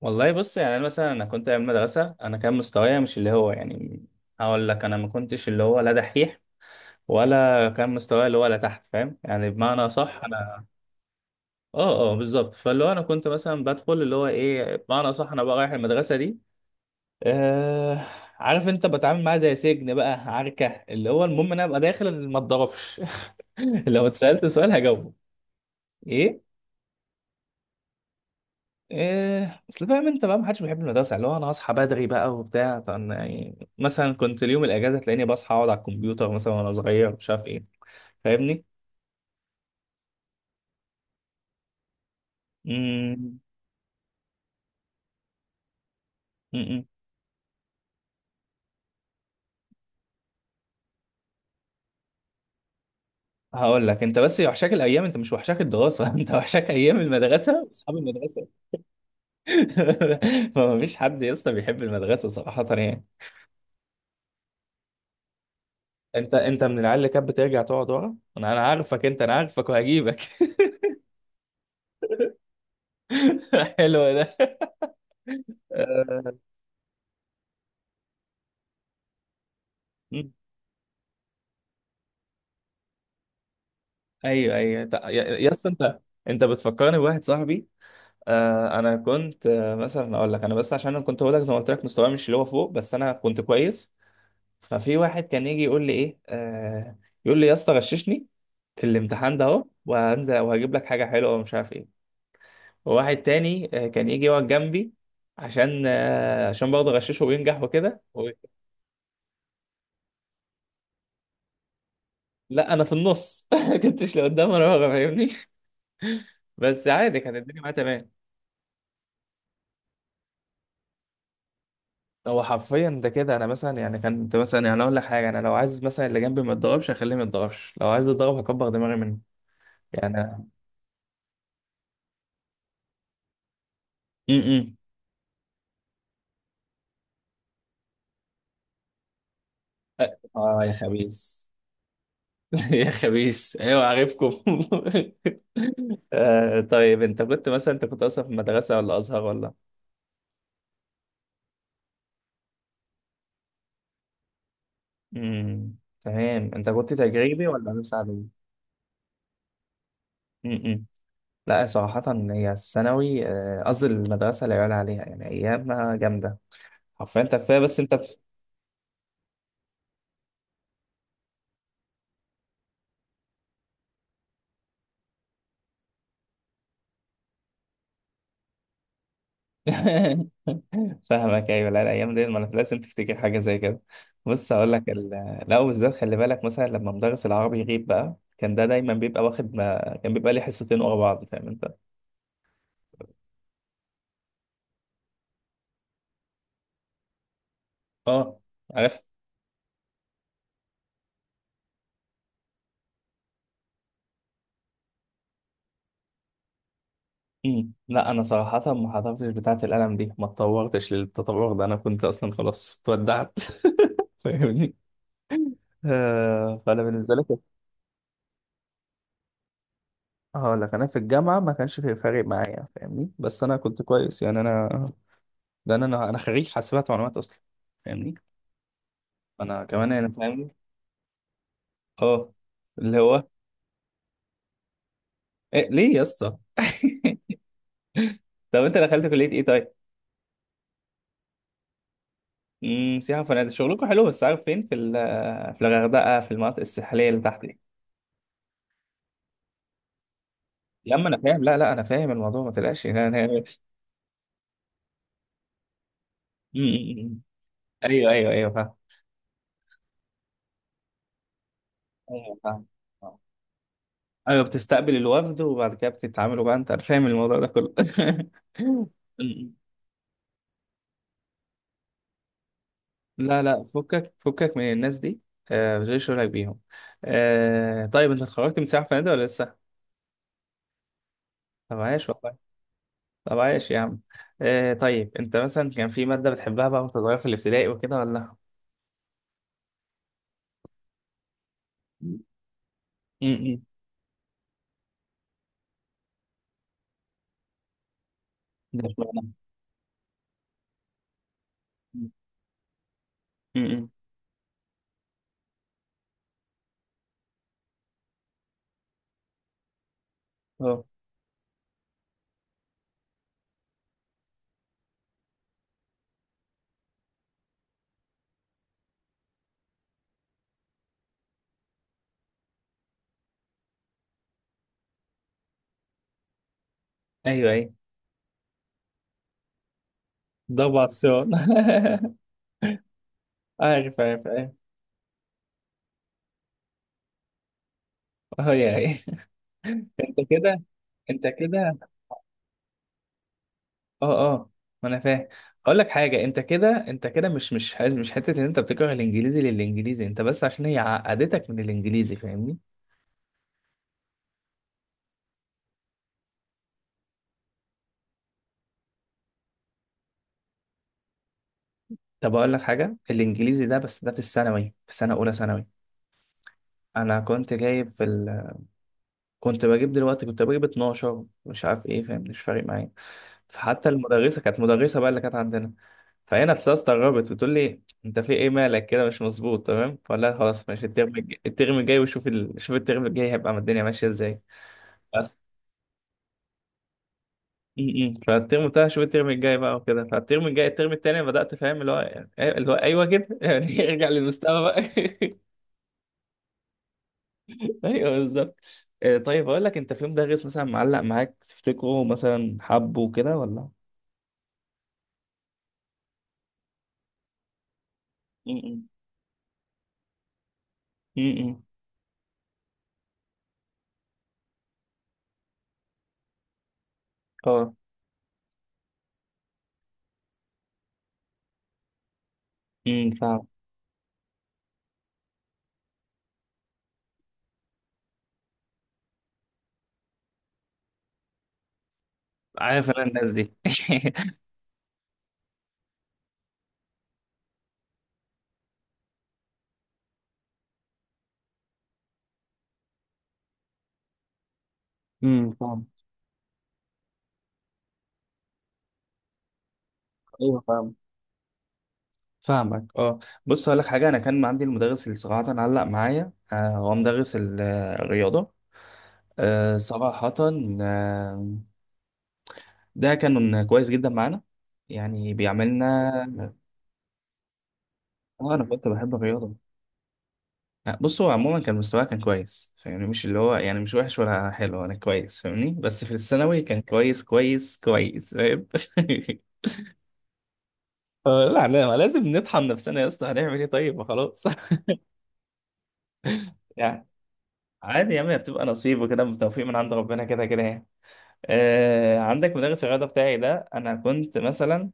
والله، بص يعني انا مثلا انا كنت ايام مدرسه، انا كان مستوايا مش اللي هو، يعني هقول لك انا ما كنتش اللي هو لا دحيح ولا كان مستوايا اللي هو لا تحت، فاهم؟ يعني بمعنى صح. انا اه بالظبط، فاللي هو انا كنت مثلا بدخل اللي هو ايه، بمعنى صح انا بقى رايح المدرسه دي. آه. عارف انت بتعامل معاها زي سجن، بقى عركه، اللي هو المهم ان انا ابقى داخل ما اتضربش. لو اتسالت سؤال هجاوبه. ايه. إيه، اصل فاهم انت بقى محدش بيحب المدرسه، اللي هو انا هصحى بدري بقى وبتاع، طب أنا يعني مثلا كنت اليوم الاجازه تلاقيني بصحى اقعد على الكمبيوتر مثلا وانا صغير مش عارف ايه. فاهمني؟ امم. امم. هقول لك انت بس وحشاك الايام، انت مش وحشاك الدراسه. انت وحشاك ايام المدرسه واصحاب المدرسه. ما فيش حد يا اسطى بيحب المدرسه صراحه، يعني. انت من العيال اللي كانت بترجع تقعد ورا، انا عارفك انت، انا عارفك وهجيبك. حلو ده. آه. ايوه ايوه، يا اسطى انت، انت بتفكرني بواحد صاحبي. آه انا كنت مثلا اقول لك، انا بس عشان انا كنت اقول لك زي ما قلت لك مستواي مش اللي هو فوق، بس انا كنت كويس. ففي واحد كان يجي يقول لي ايه، يقول لي يا اسطى غششني في الامتحان ده اهو، وهنزل وهجيب لك حاجه حلوه ومش عارف ايه. وواحد تاني كان يجي يقعد جنبي عشان عشان برضه اغششه وينجح وكده لا انا في النص، ما كنتش لقدام ولا ورا فاهمني، بس عادي كانت الدنيا معايا تمام. هو حرفيا ده كده، انا مثلا يعني كنت مثلا يعني اقول لك حاجه، انا لو عايز مثلا اللي جنبي ما يتضربش هخليه ما يتضربش، لو عايز يتضرب هكبر دماغي منه يعني. امم. اه يا خبيث. يا خبيث ايوه عارفكم. آه طيب، انت كنت مثلا انت كنت اصلا في مدرسه ولا ازهر ولا؟ امم. تمام. انت كنت تجريبي ولا نفس عادي؟ امم. لا صراحه، هي الثانوي قصدي المدرسه لا يعلى عليها يعني، ايامها جامده حرفيا، انت كفايه بس انت. فاهمك ايوه، لا الايام دي، ما أنا لازم تفتكر حاجه زي كده. بص هقول لك لا بالذات خلي بالك مثلا لما مدرس العربي يغيب بقى كان ده دايما بيبقى واخد، ما كان بيبقى لي حصتين ورا بعض، فاهم انت؟ اه. عارف. مم. لا انا صراحه ما حضرتش بتاعه القلم دي، ما اتطورتش للتطور ده، انا كنت اصلا خلاص اتودعت. فاهمني. آه فانا بالنسبه لك، هقول لك انا في الجامعه ما كانش في فارق معايا فاهمني، بس انا كنت كويس، يعني انا ده انا خريج حاسبات ومعلومات اصلا. فاهمني؟ انا كمان انا فاهم. اه. اللي هو. إيه ليه يا اسطى؟ طب انت دخلت كليه ايه طيب؟ امم. سياحه وفنادق، شغلكم حلو، بس عارف فين؟ في في الغردقه، في المناطق الساحليه اللي تحت دي. يا اما انا فاهم، لا لا انا فاهم الموضوع ما تقلقش. أنا- أنا- أمم، أمم، أمم. ايوه ايوه ايوه فاهم. ايوه فاهم. ايوه بتستقبل الوفد وبعد كده بتتعاملوا بقى، انت فاهم الموضوع ده كله. أمم. لا لا، فكك فكك من الناس دي، آه مش شغلك بيهم. آه طيب، انت اتخرجت من سياحه وفنادق ولا لسه؟ طب عايش والله، طب عايش يا عم. آه طيب انت مثلا كان في مادة بتحبها بقى وانت صغير في الابتدائي وكده، ولا؟ امم. ده اشمعنى؟ امم. اه. ايوه ايوه، ضبع الصياد. عارف عارف عارف. اه يا أخي. انت كده، انت كده، اه اه ما انا فاهم. اقول لك حاجه، انت كده انت كده، مش حته ان انت بتكره الانجليزي للانجليزي، انت بس عشان هي عقدتك من الانجليزي فاهمني. طب اقول لك حاجه، الانجليزي ده بس ده في الثانوي في سنه اولى ثانوي، انا كنت جايب في كنت بجيب دلوقتي، كنت بجيب 12 مش عارف ايه، فاهم؟ مش فارق معايا، فحتى المدرسه كانت مدرسه بقى اللي كانت عندنا، فهي نفسها استغربت بتقول لي انت في ايه مالك كده؟ مش مظبوط تمام، فلا خلاص ماشي، الترم الجاي الترم الجاي وشوف شوف الترم الجاي هيبقى الدنيا ماشيه ازاي. بس. م- م. فالترم بتاع شوف الترم الجاي بقى وكده، فالترم الجاي الترم التاني بدأت فاهم اللي هو إيه، اللي هو ايوه كده. يعني ارجع للمستوى بقى. ايوه بالظبط. آه طيب، اقول لك، انت في يوم دغس مثلا معلق معاك تفتكره مثلا حبه كده ولا؟ م-م. م-م. اه. فاهم. عارف انا الناس دي. فاهم. ايوه فاهم. فاهمك اه. بص اقول لك حاجه، انا كان عندي المدرس اللي صراحه علق معايا، آه هو مدرس الرياضه. آه صراحه. آه. ده كان كويس جدا معانا، يعني بيعملنا. اه انا كنت بحب الرياضه. لا بص، هو عموما كان مستواه كان كويس فاهمني، مش اللي هو يعني مش وحش ولا حلو، انا كويس فاهمني، بس في الثانوي كان كويس كويس كويس فاهم. آه، لا لا لازم نطحن نفسنا يا اسطى، هنعمل ايه طيب ما خلاص. يعني عادي يا عم، هي بتبقى نصيب وكده من توفيق من عند ربنا كده كده يعني. آه، عندك مدرس الرياضه بتاعي ده انا كنت مثلا،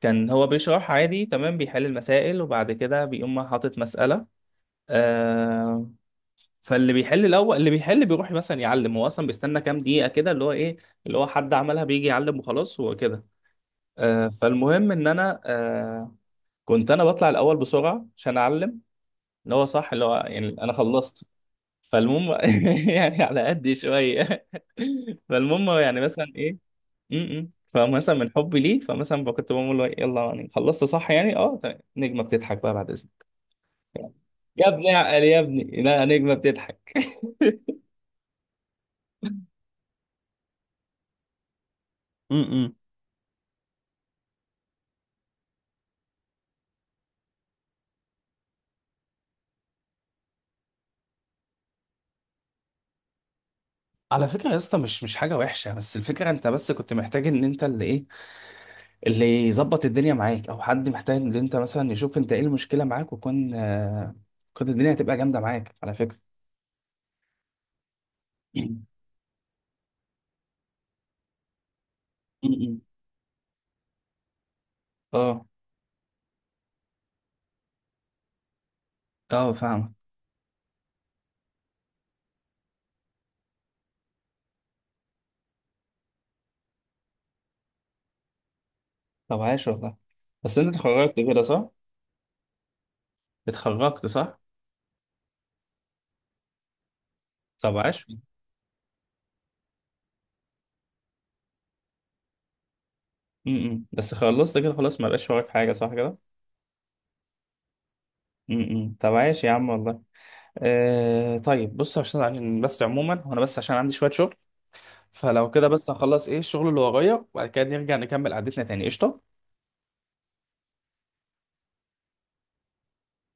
كان هو بيشرح عادي تمام، بيحل المسائل وبعد كده بيقوم حاطط مساله. آه فاللي بيحل الاول اللي بيحل بيروح مثلا يعلم، هو اصلا بيستنى كام دقيقه كده اللي هو ايه، اللي هو حد عملها بيجي يعلم وخلاص هو كده. آه فالمهم ان انا كنت انا بطلع الاول بسرعه عشان اعلم اللي هو صح، اللي هو يعني انا خلصت. فالمهم يعني على قدي شويه. فالمهم يعني مثلا ايه. م -م. فمثلا من حبي ليه، فمثلا بقى كنت بقول له يلا يعني خلصت صح يعني اه طيب. نجمه بتضحك بقى بعد اذنك. يا ابني اعقل يا ابني، لا نجمه بتضحك. م -م. على فكرة يا اسطى، مش مش حاجة وحشة، بس الفكرة انت بس كنت محتاج ان انت اللي ايه، اللي يظبط الدنيا معاك او حد محتاج ان انت مثلا يشوف انت ايه المشكلة معاك، وكون آه كنت الدنيا هتبقى جامدة معاك على فكرة. م- م. اه اه فاهم. طب عاش والله، بس انت اتخرجت كده صح؟ اتخرجت صح؟ طب عاش. م-م. بس خلصت كده خلاص، ما بقاش وراك حاجة صح كده؟ م-م. طب عاش يا عم والله. آه طيب بص، عشان بس عموما، وانا بس عشان عندي شوية شغل، فلو كده بس هخلص ايه الشغل اللي ورايا وبعد كده نرجع نكمل قعدتنا تاني، قشطة.